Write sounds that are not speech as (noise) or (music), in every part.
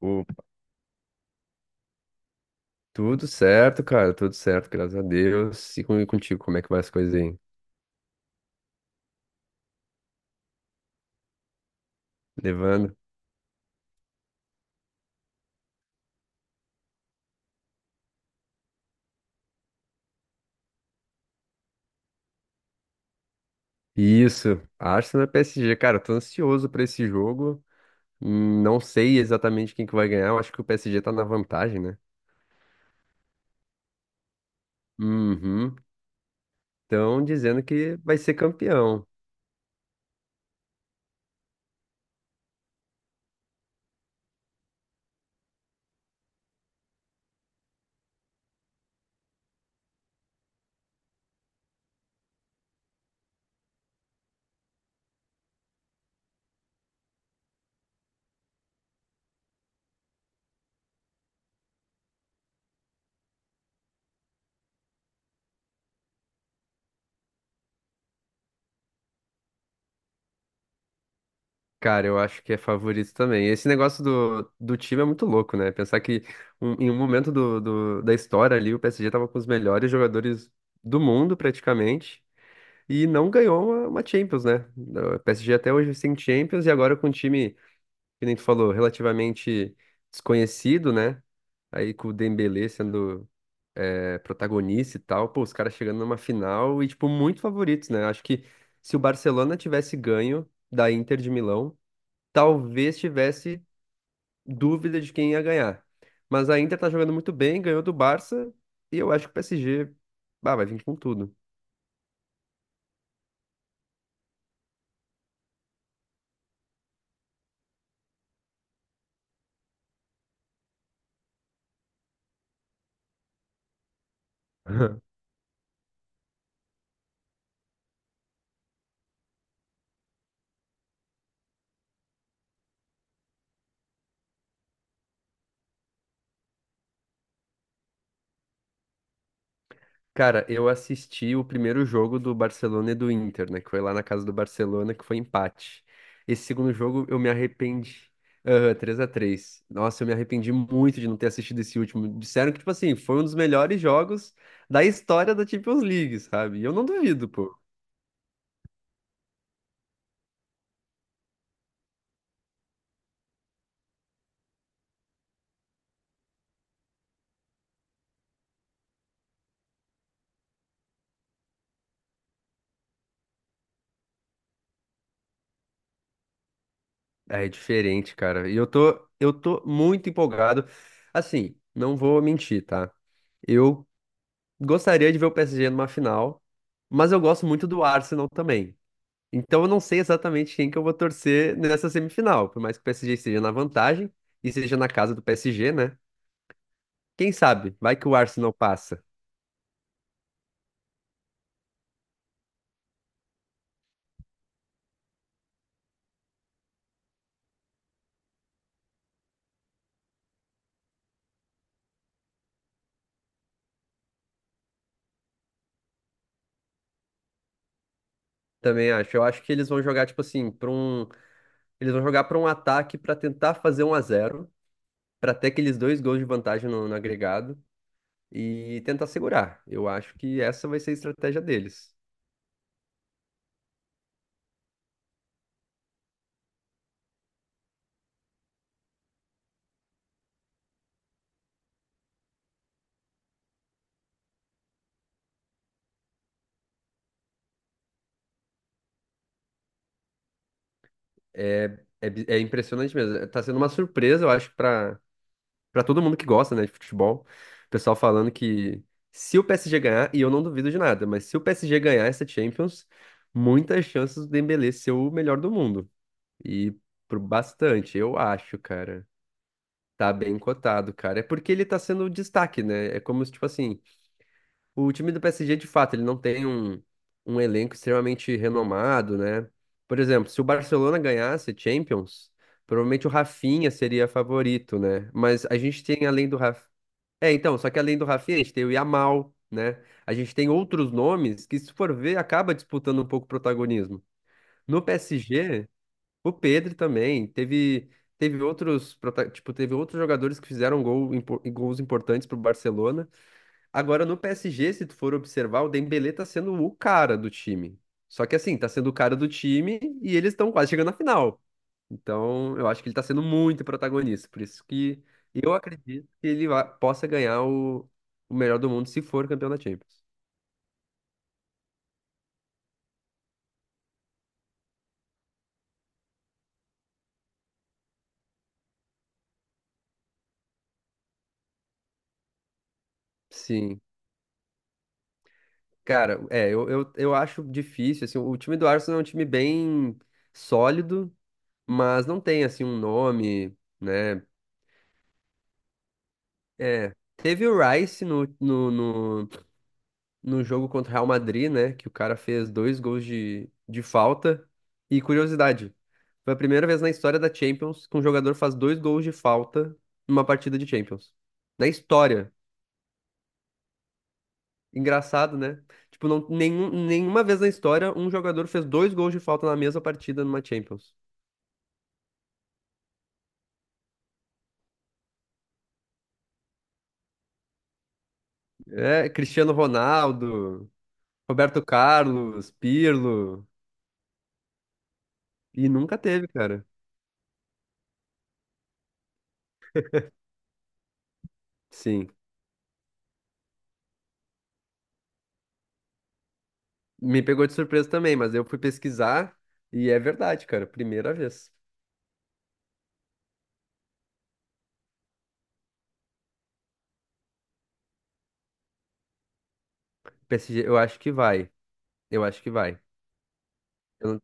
Ô, tudo certo, cara, tudo certo, graças a Deus. E comigo contigo, como é que vai as coisas aí? Levando. Isso, Arsenal e PSG, cara, eu tô ansioso pra esse jogo. Não sei exatamente quem que vai ganhar, eu acho que o PSG tá na vantagem, né? Uhum. Estão dizendo que vai ser campeão. Cara, eu acho que é favorito também. Esse negócio do time é muito louco, né? Pensar que em um momento do, da história ali, o PSG tava com os melhores jogadores do mundo, praticamente. E não ganhou uma Champions, né? O PSG até hoje sem Champions e agora com um time, que nem tu falou, relativamente desconhecido, né? Aí com o Dembélé sendo protagonista e tal, pô, os caras chegando numa final e, tipo, muito favoritos, né? Acho que se o Barcelona tivesse ganho da Inter de Milão, talvez tivesse dúvida de quem ia ganhar. Mas a Inter tá jogando muito bem, ganhou do Barça e eu acho que o PSG, bah, vai vir com tudo. (laughs) Cara, eu assisti o primeiro jogo do Barcelona e do Inter, né? Que foi lá na casa do Barcelona, que foi empate. Esse segundo jogo eu me arrependi. Aham, 3 a 3. Nossa, eu me arrependi muito de não ter assistido esse último. Disseram que, tipo assim, foi um dos melhores jogos da história da Champions League, sabe? E eu não duvido, pô. É diferente, cara. E eu tô muito empolgado. Assim, não vou mentir, tá? Eu gostaria de ver o PSG numa final, mas eu gosto muito do Arsenal também. Então eu não sei exatamente quem que eu vou torcer nessa semifinal, por mais que o PSG esteja na vantagem e seja na casa do PSG, né? Quem sabe? Vai que o Arsenal passa. Também acho. Eu acho que eles vão jogar tipo assim, eles vão jogar para um ataque para tentar fazer 1 a 0 para ter aqueles dois gols de vantagem no agregado e tentar segurar. Eu acho que essa vai ser a estratégia deles. É impressionante mesmo. Tá sendo uma surpresa, eu acho, para Pra todo mundo que gosta, né, de futebol, o pessoal falando que se o PSG ganhar, e eu não duvido de nada, mas se o PSG ganhar essa Champions, muitas chances do Dembélé ser o melhor do mundo. E por bastante, eu acho, cara. Tá bem cotado, cara. É porque ele tá sendo o destaque, né? É como se, tipo assim, o time do PSG, de fato, ele não tem um elenco extremamente renomado, né? Por exemplo, se o Barcelona ganhasse Champions, provavelmente o Rafinha seria favorito, né? Mas a gente tem, além do Rafinha, então, só que além do Rafinha, a gente tem o Yamal, né? A gente tem outros nomes que, se for ver, acaba disputando um pouco o protagonismo. No PSG, o Pedri também teve outros tipo, teve outros jogadores que fizeram gol, gols importantes para o Barcelona. Agora no PSG, se tu for observar, o Dembélé tá sendo o cara do time. Só que assim, tá sendo o cara do time e eles estão quase chegando na final. Então, eu acho que ele tá sendo muito protagonista, por isso que eu acredito que ele possa ganhar o melhor do mundo se for campeão da Champions. Sim. Cara, eu acho difícil, assim, o time do Arsenal é um time bem sólido, mas não tem, assim, um nome, né? É, teve o Rice no, no, num jogo contra o Real Madrid, né? Que o cara fez dois gols de falta. E curiosidade, foi a primeira vez na história da Champions que um jogador faz dois gols de falta numa partida de Champions. Na história. Engraçado, né? Tipo, não, nenhuma vez na história um jogador fez dois gols de falta na mesma partida numa Champions. É, Cristiano Ronaldo, Roberto Carlos, Pirlo. E nunca teve, cara. Sim. Me pegou de surpresa também, mas eu fui pesquisar e é verdade, cara. Primeira vez. PSG, eu acho que vai. Eu acho que vai. Eu não-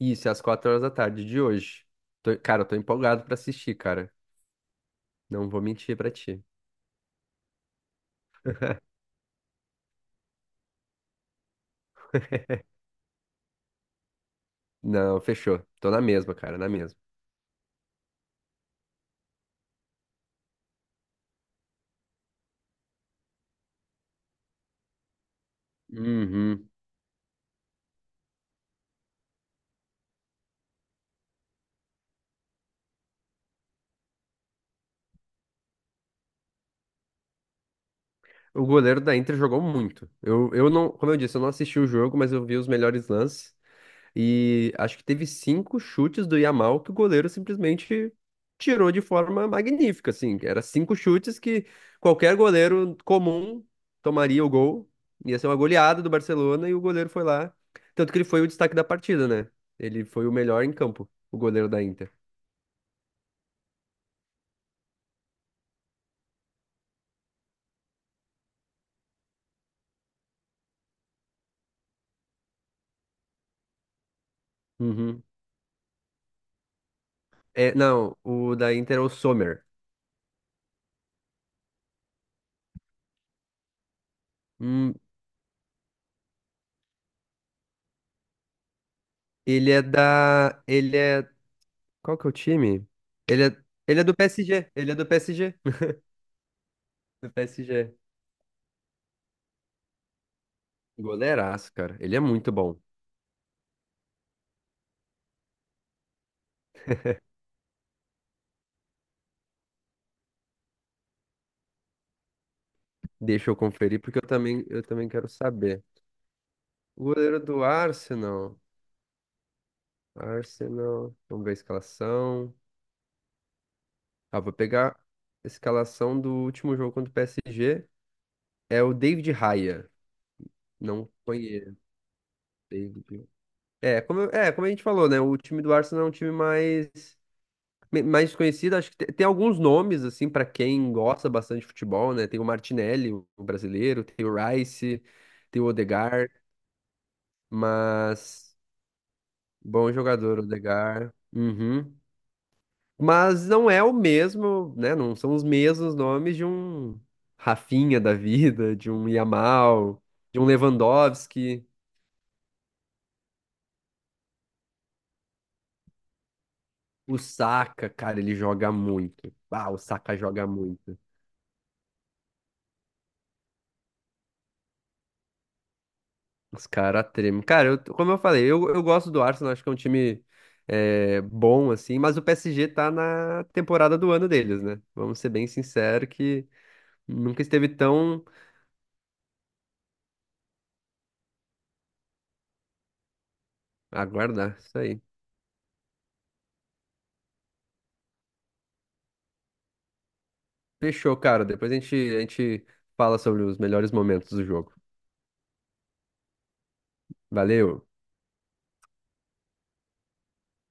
Isso, é às 4 horas da tarde de hoje. Cara, eu tô empolgado pra assistir, cara. Não vou mentir pra ti. Não, fechou. Tô na mesma, cara, na mesma. Uhum. O goleiro da Inter jogou muito. Eu não, como eu disse, eu não assisti o jogo, mas eu vi os melhores lances. E acho que teve cinco chutes do Yamal que o goleiro simplesmente tirou de forma magnífica, assim. Era cinco chutes que qualquer goleiro comum tomaria o gol. Ia ser uma goleada do Barcelona e o goleiro foi lá. Tanto que ele foi o destaque da partida, né? Ele foi o melhor em campo, o goleiro da Inter. Uhum. É, não, o da Inter é o Sommer. Hum, ele é da. Ele é. Qual que é o time? Ele é do PSG. Ele é do PSG. (laughs) Do PSG. Goleiraço, cara. Ele é muito bom. Deixa eu conferir, porque eu também quero saber. O goleiro do Arsenal. Arsenal. Vamos ver a escalação. Ah, vou pegar a escalação do último jogo contra o PSG. É o David Raya. Não conheço. David. É, como a gente falou, né? O time do Arsenal é um time mais desconhecido. Acho que tem, alguns nomes, assim, pra quem gosta bastante de futebol, né? Tem o Martinelli, o brasileiro. Tem o Rice. Tem o Odegaard. Mas. Bom jogador, Odegaard. Uhum. Mas não é o mesmo, né? Não são os mesmos nomes de um Rafinha da vida, de um Yamal, de um Lewandowski. O Saka, cara, ele joga muito. Ah, o Saka joga muito. Os caras tremem. Cara, como eu falei, eu gosto do Arsenal, acho que é um time bom, assim, mas o PSG tá na temporada do ano deles, né? Vamos ser bem sinceros que nunca esteve tão. Aguardar, isso aí. Fechou, cara. Depois a gente fala sobre os melhores momentos do jogo. Valeu!